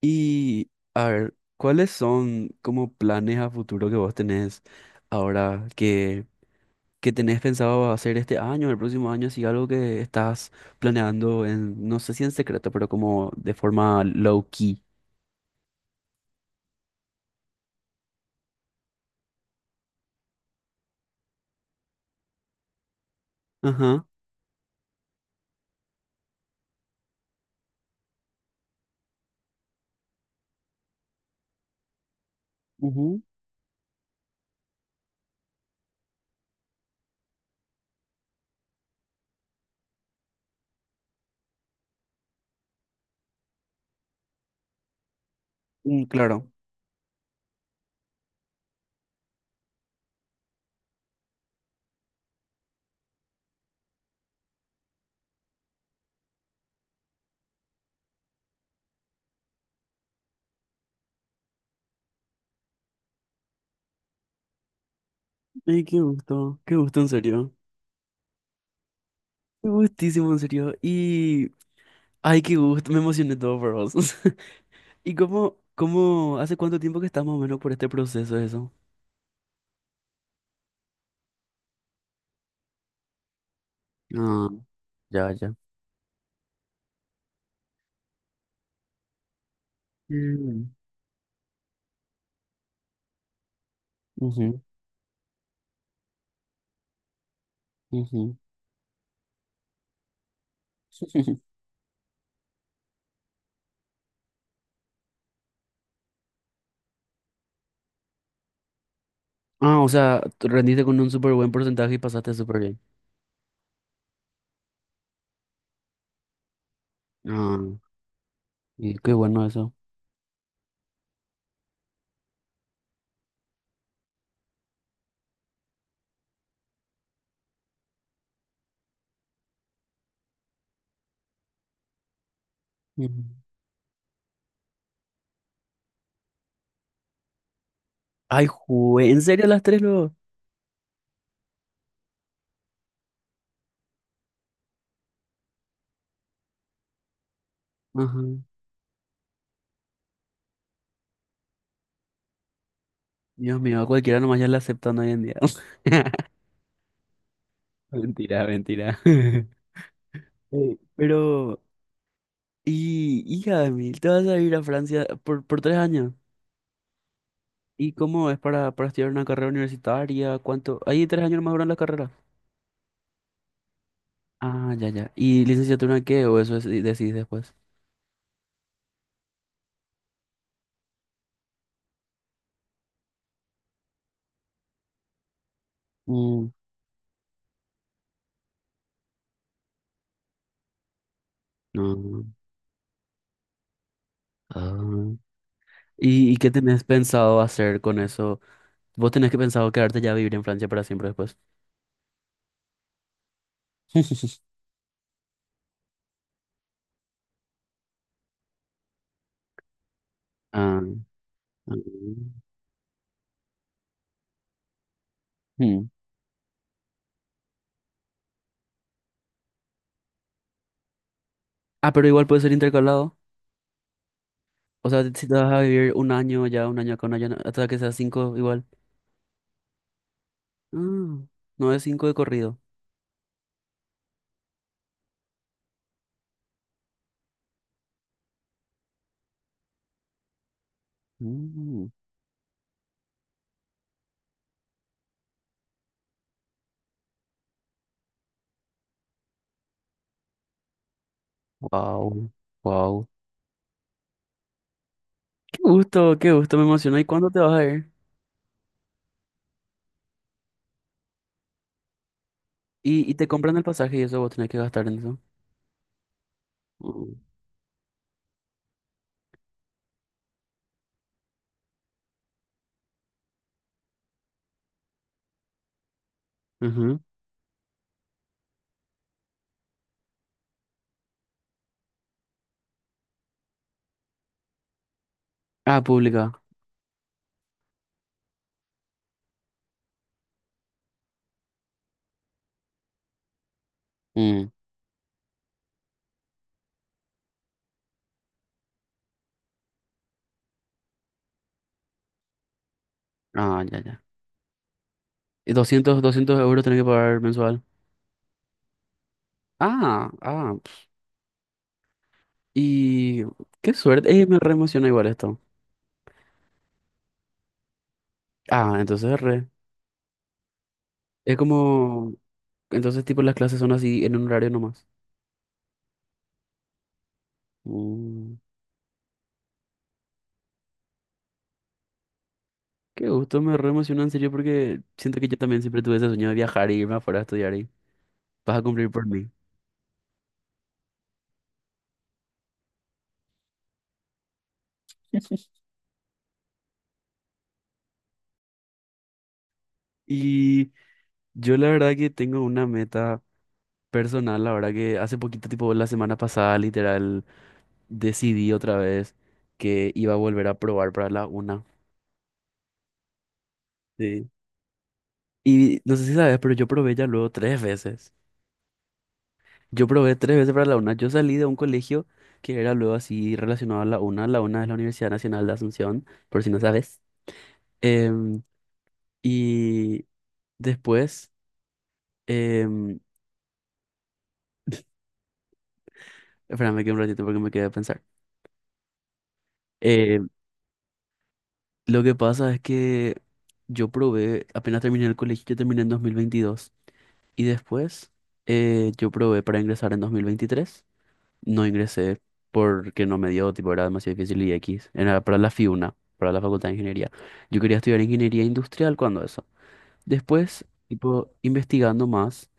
Y a ver, ¿cuáles son como planes a futuro que vos tenés ahora que tenés pensado hacer este año, el próximo año, si algo que estás planeando en, no sé si en secreto, pero como de forma low key? Ajá. Ujú. Mm, claro. Ay, qué gusto en serio. Qué gustísimo en serio. Y ay, qué gusto, me emocioné todo por vos. ¿Y cómo, hace cuánto tiempo que estás más o menos por este proceso eso? Ah, ya, ya. Mm. Ujú, ujú. Ah, o sea, tú rendiste con un súper buen porcentaje y pasaste súper bien. Ah, y qué bueno eso. Ujú. Ay, jugué, ¿en serio las tres luego? Ajá. Dios mío, a cualquiera nomás ya la aceptan hoy en día. Mentira, mentira. Pero, y, hija de mí, te vas a ir a Francia por tres años. ¿Y cómo es para estudiar una carrera universitaria? ¿Cuánto? Ahí tres años más duran la carrera. Ah, ya, ya. ¿Y licenciatura en qué? ¿O decidís después? No. Ah. ¿Y qué tenés pensado hacer con eso? ¿Vos tenés que pensado quedarte ya a vivir en Francia para siempre después? Ah, ah. Hmm. Ah, pero igual puede ser intercalado. O sea, si te vas a vivir un año ya, un año acá, hasta que sea cinco igual. Ah, no es cinco de corrido. Mm. Wow, wow. Qué gusto, me emociona. ¿Y cuándo te vas a ir? Y te compran el pasaje y eso vos tenés que gastar en eso. Mm, ujú. Ah, pública. Mm. Ah, ya, ya. Y 200 200 euros tenés que pagar mensual. Ah, ah. Y qué suerte. Me re emociona igual esto. Ah, entonces re. Es como... Entonces tipo las clases son así en un horario nomás. Mm, qué gusto, me re emociona en serio porque siento que yo también siempre tuve ese sueño de viajar y irme afuera a estudiar y vas a cumplir por mí. Y yo la verdad que tengo una meta personal, la verdad que hace poquito, tipo la semana pasada, literal, decidí otra vez que iba a volver a probar para la UNA. Sí. Y no sé si sabes, pero yo probé ya luego tres veces. Yo probé tres veces para la UNA. Yo salí de un colegio que era luego así relacionado a la UNA. La UNA es la Universidad Nacional de Asunción, por si no sabes. Em, y después, em, espérame que un ratito porque me quedé a pensar. Em, lo que pasa es que yo probé, apenas terminé el colegio, yo terminé en 2022. Y después, yo probé para ingresar en 2023. No ingresé porque no me dio, tipo, era demasiado difícil y X. Era para la FIUNA, para la Facultad de Ingeniería. Yo quería estudiar ingeniería industrial cuando eso. Después, tipo, investigando más,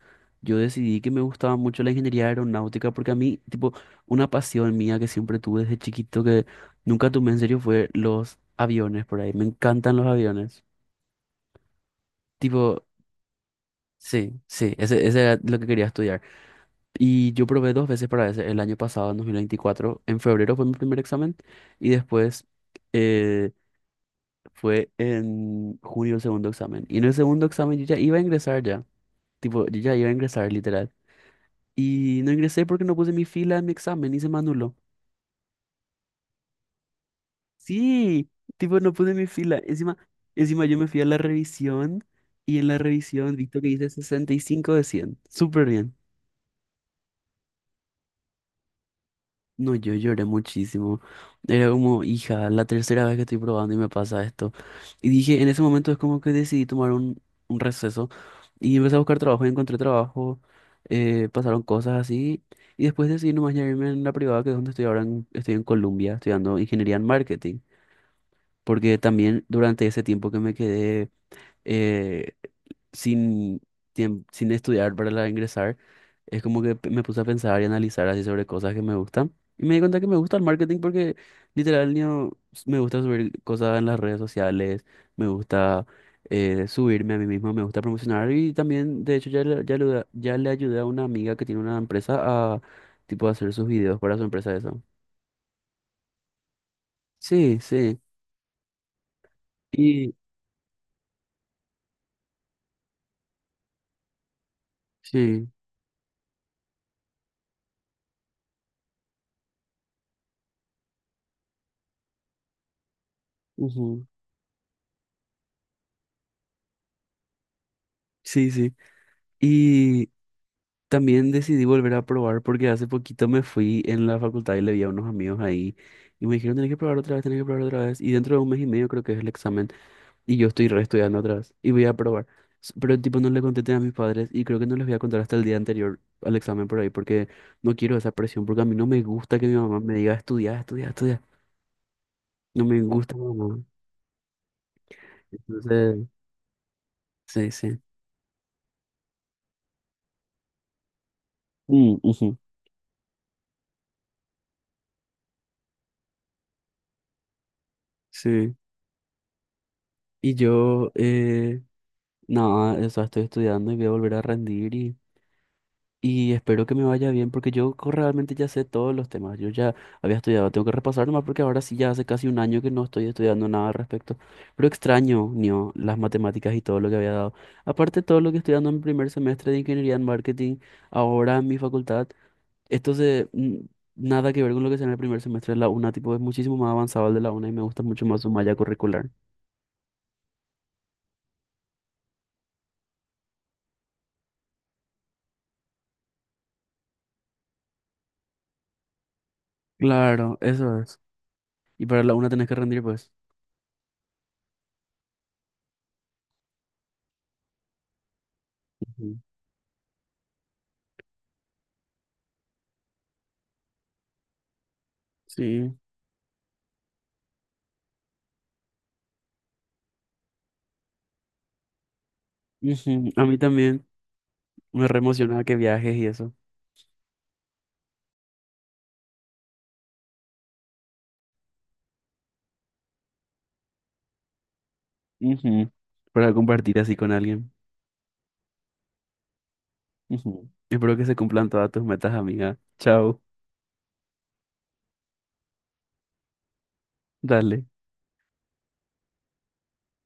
yo decidí que me gustaba mucho la ingeniería aeronáutica porque a mí, tipo, una pasión mía que siempre tuve desde chiquito que nunca tomé en serio fue los aviones por ahí. Me encantan los aviones. Tipo, sí, sí, ese era lo que quería estudiar. Y yo probé dos veces para ese, el año pasado, en 2024. En febrero fue mi primer examen y después, eh, fue en junio el segundo examen. Y en el segundo examen yo ya iba a ingresar ya. Tipo, yo ya iba a ingresar, literal. Y no ingresé porque no puse mi fila en mi examen y se me anuló. Sí, tipo, no puse mi fila. Encima, encima yo me fui a la revisión y en la revisión, visto que hice 65 de 100. Súper bien. No, yo lloré muchísimo. Era como, hija, la tercera vez que estoy probando y me pasa esto. Y dije, en ese momento es como que decidí tomar un receso y empecé a buscar trabajo y encontré trabajo. Pasaron cosas así. Y después decidí nomás ya irme en la privada, que es donde estoy ahora. Estoy en Colombia estudiando ingeniería en marketing. Porque también durante ese tiempo que me quedé eh, sin, sin estudiar para la ingresar. Es como que me puse a pensar y analizar así sobre cosas que me gustan. Y me di cuenta que me gusta el marketing porque literal me gusta subir cosas en las redes sociales, me gusta subirme a mí mismo, me gusta promocionar y también, de hecho, ya le ayudé a una amiga que tiene una empresa a tipo hacer sus videos para su empresa eso. Sí, sí. Y sí. Ujú. Sí, sí. También decidí volver a probar porque hace poquito me fui en la facultad y le vi a unos amigos ahí y me dijeron, tenés que probar otra vez, tenés que probar otra vez. Y dentro de un mes y medio creo que es el examen y yo estoy reestudiando otra vez y voy a probar. Pero tipo no le conté a mis padres y creo que no les voy a contar hasta el día anterior al examen por ahí porque no quiero esa presión porque a mí no me gusta que mi mamá me diga estudiar, estudiar, estudiar. No me gusta, mamá. Entonces, sí, sí. Mm, ujú. Sí. Y yo, nada, eso estoy estudiando y voy a volver a rendir y... Y espero que me vaya bien porque realmente ya sé todos los temas. Yo ya había estudiado, tengo que repasar nomás porque ahora sí ya hace casi un año que no estoy estudiando nada al respecto. Pero extraño, Nio, las matemáticas y todo lo que había dado. Aparte todo lo que estoy dando en mi primer semestre de ingeniería en marketing, ahora en mi facultad, esto nada que ver con lo que sea en el primer semestre de la UNA, tipo es muchísimo más avanzado el de la UNA y me gusta mucho más su malla curricular. Claro, eso es. Y para la UNA tenés que rendir, pues. Ujú. Sí. Ujú, a mí también. Me re emociona que viajes y eso. Ujú, para compartir así con alguien. Ujú. Espero que se cumplan todas tus metas, amiga. Chao, dale.